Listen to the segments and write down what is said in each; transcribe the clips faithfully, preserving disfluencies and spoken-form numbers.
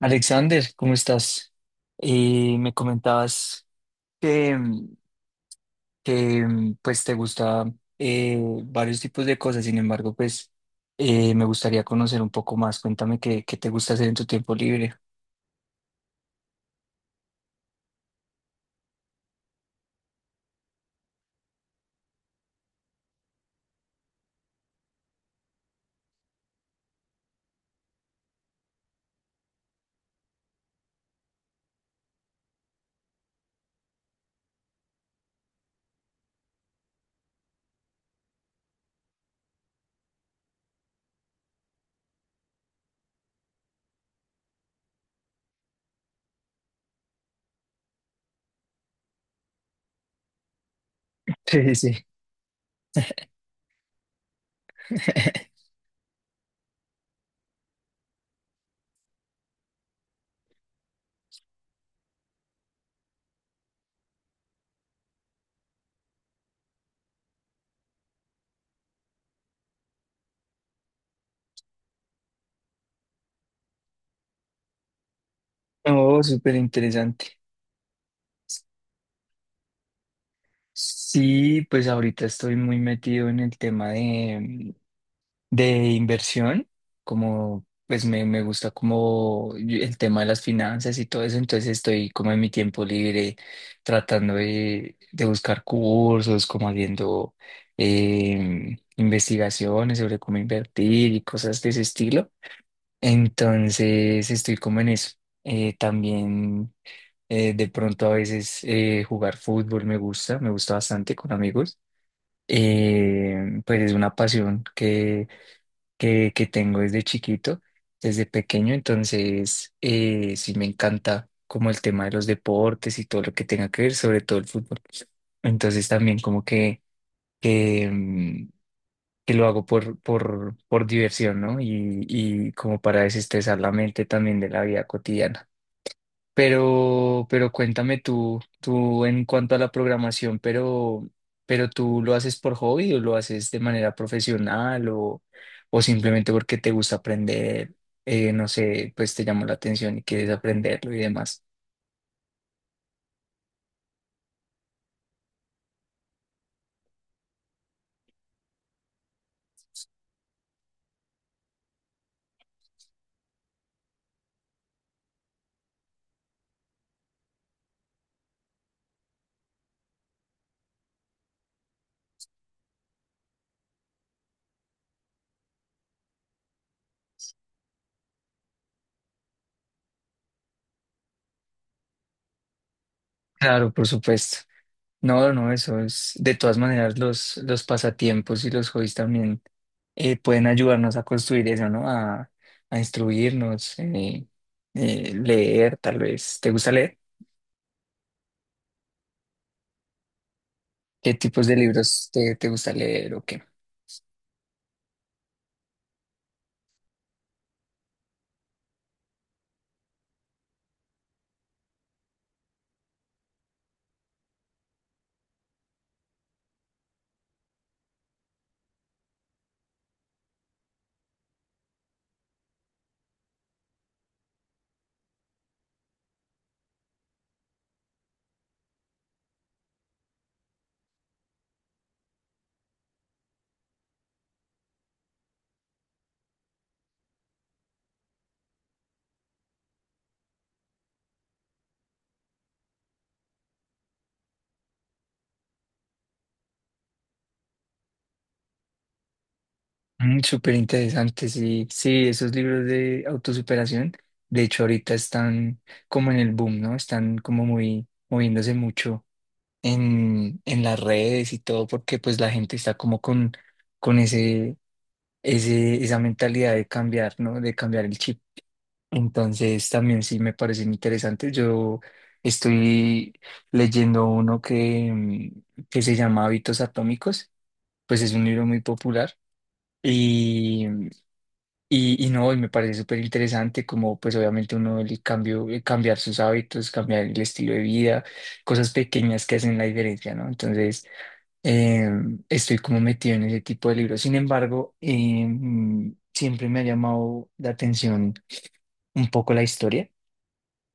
Alexander, ¿cómo estás? Eh, me comentabas que, mm, que, mm, pues te gusta eh, varios tipos de cosas. Sin embargo, pues eh, me gustaría conocer un poco más. Cuéntame qué, qué te gusta hacer en tu tiempo libre. Sí, sí. Oh, súper interesante. Sí, pues ahorita estoy muy metido en el tema de mm, De inversión, como pues me, me gusta como y- el tema de las finanzas y todo eso. Entonces estoy como en mi tiempo libre tratando de, de buscar cursos, como haciendo em, investigaciones sobre cómo invertir y cosas de ese estilo. Entonces estoy como en eso. Eh, también eh, de pronto a veces eh, jugar fútbol me gusta, me gusta bastante con amigos. Em, pues es una pasión que que, que tengo desde chiquito, desde pequeño. Entonces eh, sí, me encanta como el tema de los deportes y todo lo que tenga que ver, sobre todo el fútbol. Entonces también como que, que, mm, que lo hago por, por, por diversión, ¿no? Y, y como para desestresar la mente también de la vida cotidiana. Pero, pero cuéntame, tú, tú en cuanto a la programación, pero, pero tú lo haces por hobby, o lo haces de manera profesional, o, o simplemente porque te gusta aprender. Eh, no sé, pues te llamó la atención y quieres aprenderlo y demás. Claro, por supuesto. No, no, eso es de todas maneras. Los, los pasatiempos y los hobbies también eh, pueden ayudarnos a construir eso, ¿no? A, a instruirnos, eh, eh, leer, tal vez. ¿Te gusta leer? ¿Qué tipos de libros te, te gusta leer o qué? Mm, súper interesante. Sí, sí, esos libros de autosuperación, de hecho ahorita están como en el boom, ¿no? Están como muy moviéndose mucho en, en las redes y todo, porque pues la gente está como con, con ese, ese, esa mentalidad de cambiar, ¿no? De cambiar el chip. Entonces también sí me parecen interesantes. Yo estoy leyendo uno que, mm, que se llama Hábitos Atómicos. Pues es un libro muy popular y, y, y no, y me parece súper interesante, como pues obviamente uno, el cambio, eh, cambiar sus hábitos, cambiar el estilo de vida, cosas pequeñas que hacen la diferencia, ¿no? Entonces eh, estoy como metido en ese tipo de libros. Sin embargo, eh, mm, siempre me ha llamado la atención un poco la historia,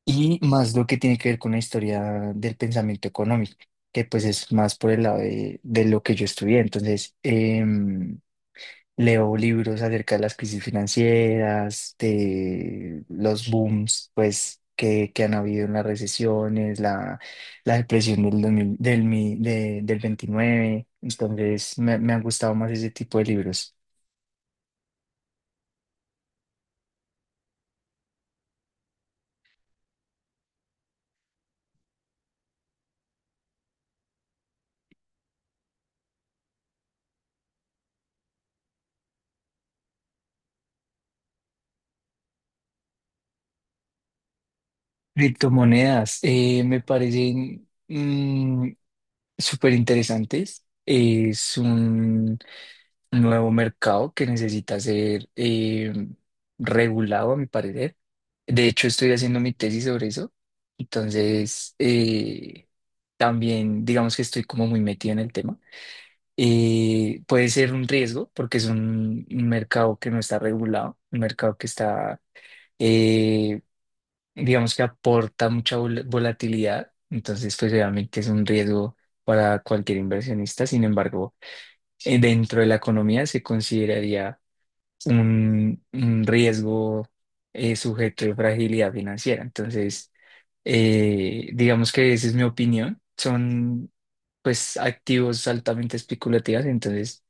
y más lo que tiene que ver con la historia del pensamiento económico, que pues es más por el lado de, de lo que yo estudié. Entonces eh, Leo libros acerca de las crisis financieras, de los booms, pues, que, que han habido, en las recesiones, la, la depresión del, dos mil del, mi- de- del veintinueve. Entonces me, me han gustado más ese tipo de libros. Criptomonedas, eh, me parecen, mm, súper interesantes. Es un nuevo mercado que necesita ser eh, regulado, a mi parecer. De hecho, estoy haciendo mi tesis sobre eso. Entonces eh, también digamos que estoy como muy metido en el tema. Eh, puede ser un riesgo porque es un, un mercado que no está regulado, un mercado que está eh, digamos que aporta mucha vol- volatilidad. Entonces pues obviamente es un riesgo para cualquier inversionista. Sin embargo, eh, dentro de la economía se consideraría un, un riesgo eh, sujeto de fragilidad financiera. Entonces eh, digamos que esa es mi opinión. Son pues activos altamente especulativos. Entonces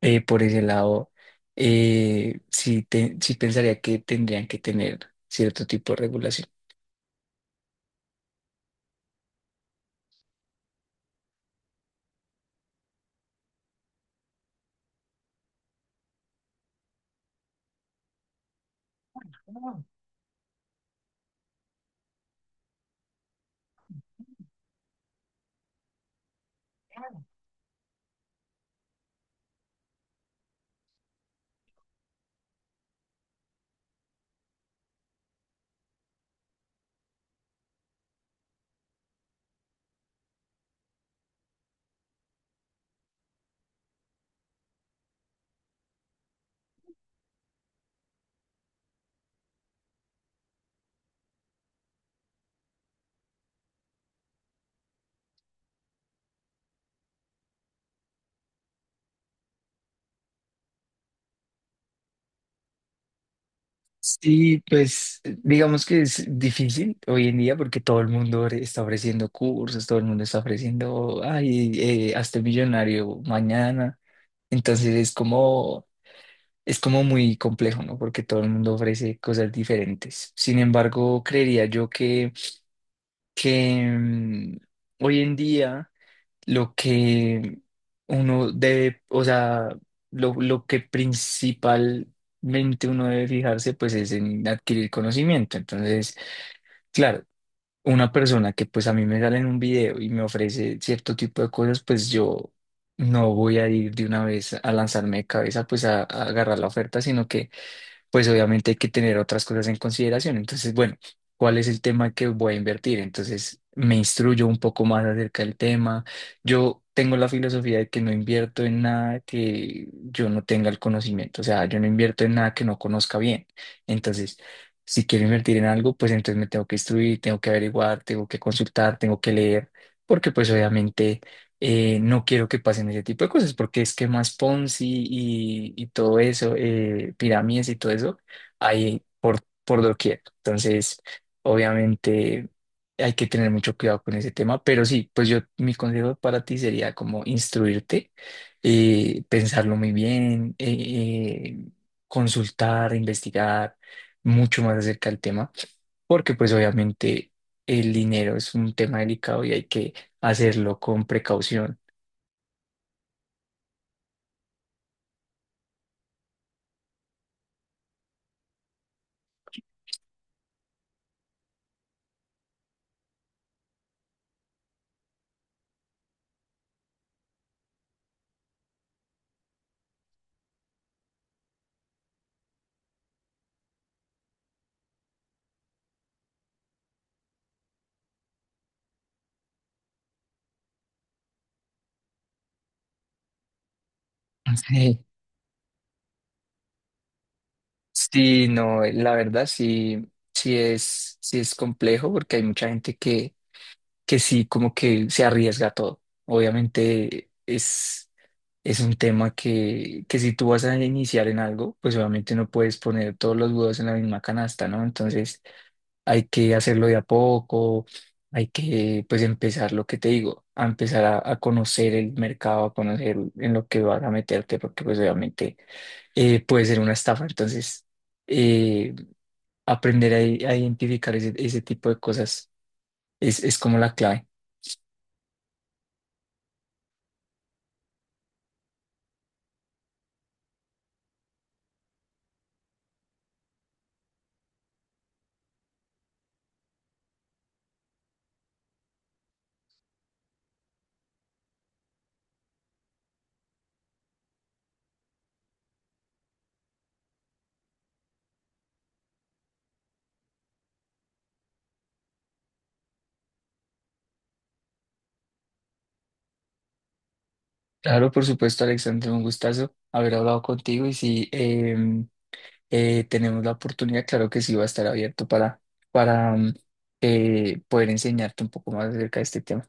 eh, por ese lado eh, sí, te- sí pensaría que tendrían que tener cierto tipo de regulación. Sí, pues digamos que es difícil hoy en día, porque todo el mundo ofre- está ofreciendo cursos, todo el mundo está ofreciendo, ay, eh, hazte millonario mañana. Entonces es como, es como muy complejo, ¿no? Porque todo el mundo ofrece cosas diferentes. Sin embargo, creería yo que, que mm, hoy en día lo que uno debe, o sea, lo, lo que principalmente uno debe fijarse, pues es en adquirir conocimiento. Entonces, claro, una persona que pues a mí me sale en un video y me ofrece cierto tipo de cosas, pues yo no voy a ir de una vez a lanzarme de cabeza pues a, a agarrar la oferta, sino que pues obviamente hay que tener otras cosas en consideración. Entonces, bueno, ¿cuál es el tema que voy a invertir? Entonces me instruyo un poco más acerca del tema. Yo tengo la filosofía de que no invierto en nada que yo no tenga el conocimiento. O sea, yo no invierto en nada que no conozca bien. Entonces, si quiero invertir en algo, pues entonces me tengo que instruir, tengo que averiguar, tengo que consultar, tengo que leer, porque pues obviamente eh, no quiero que pasen ese tipo de cosas, porque esquemas Ponzi y, y todo eso, eh, pirámides y todo eso, hay por, por doquier. Entonces, obviamente hay que tener mucho cuidado con ese tema. Pero sí, pues yo, mi consejo para ti sería como instruirte, eh, pensarlo muy bien, eh, eh, consultar, investigar mucho más acerca del tema, porque pues obviamente el dinero es un tema delicado y hay que hacerlo con precaución. Sí. Sí, no, la verdad sí, sí es, sí es complejo, porque hay mucha gente que, que sí, como que se arriesga a todo. Obviamente es, es un tema que, que si tú vas a iniciar en algo, pues obviamente no puedes poner todos los huevos en la misma canasta, ¿no? Entonces hay que hacerlo de a poco, hay que, pues empezar lo que te digo, a empezar a, a conocer el mercado, a conocer en lo que vas a meterte, porque pues obviamente eh, puede ser una estafa. Entonces eh, aprender a, i- a identificar ese, ese tipo de cosas es, es como la clave. Claro, por supuesto, Alexandre, un gustazo haber hablado contigo. Y si em, eh, tenemos la oportunidad, claro que sí, va a estar abierto para, para em, eh, poder enseñarte un poco más acerca de este tema.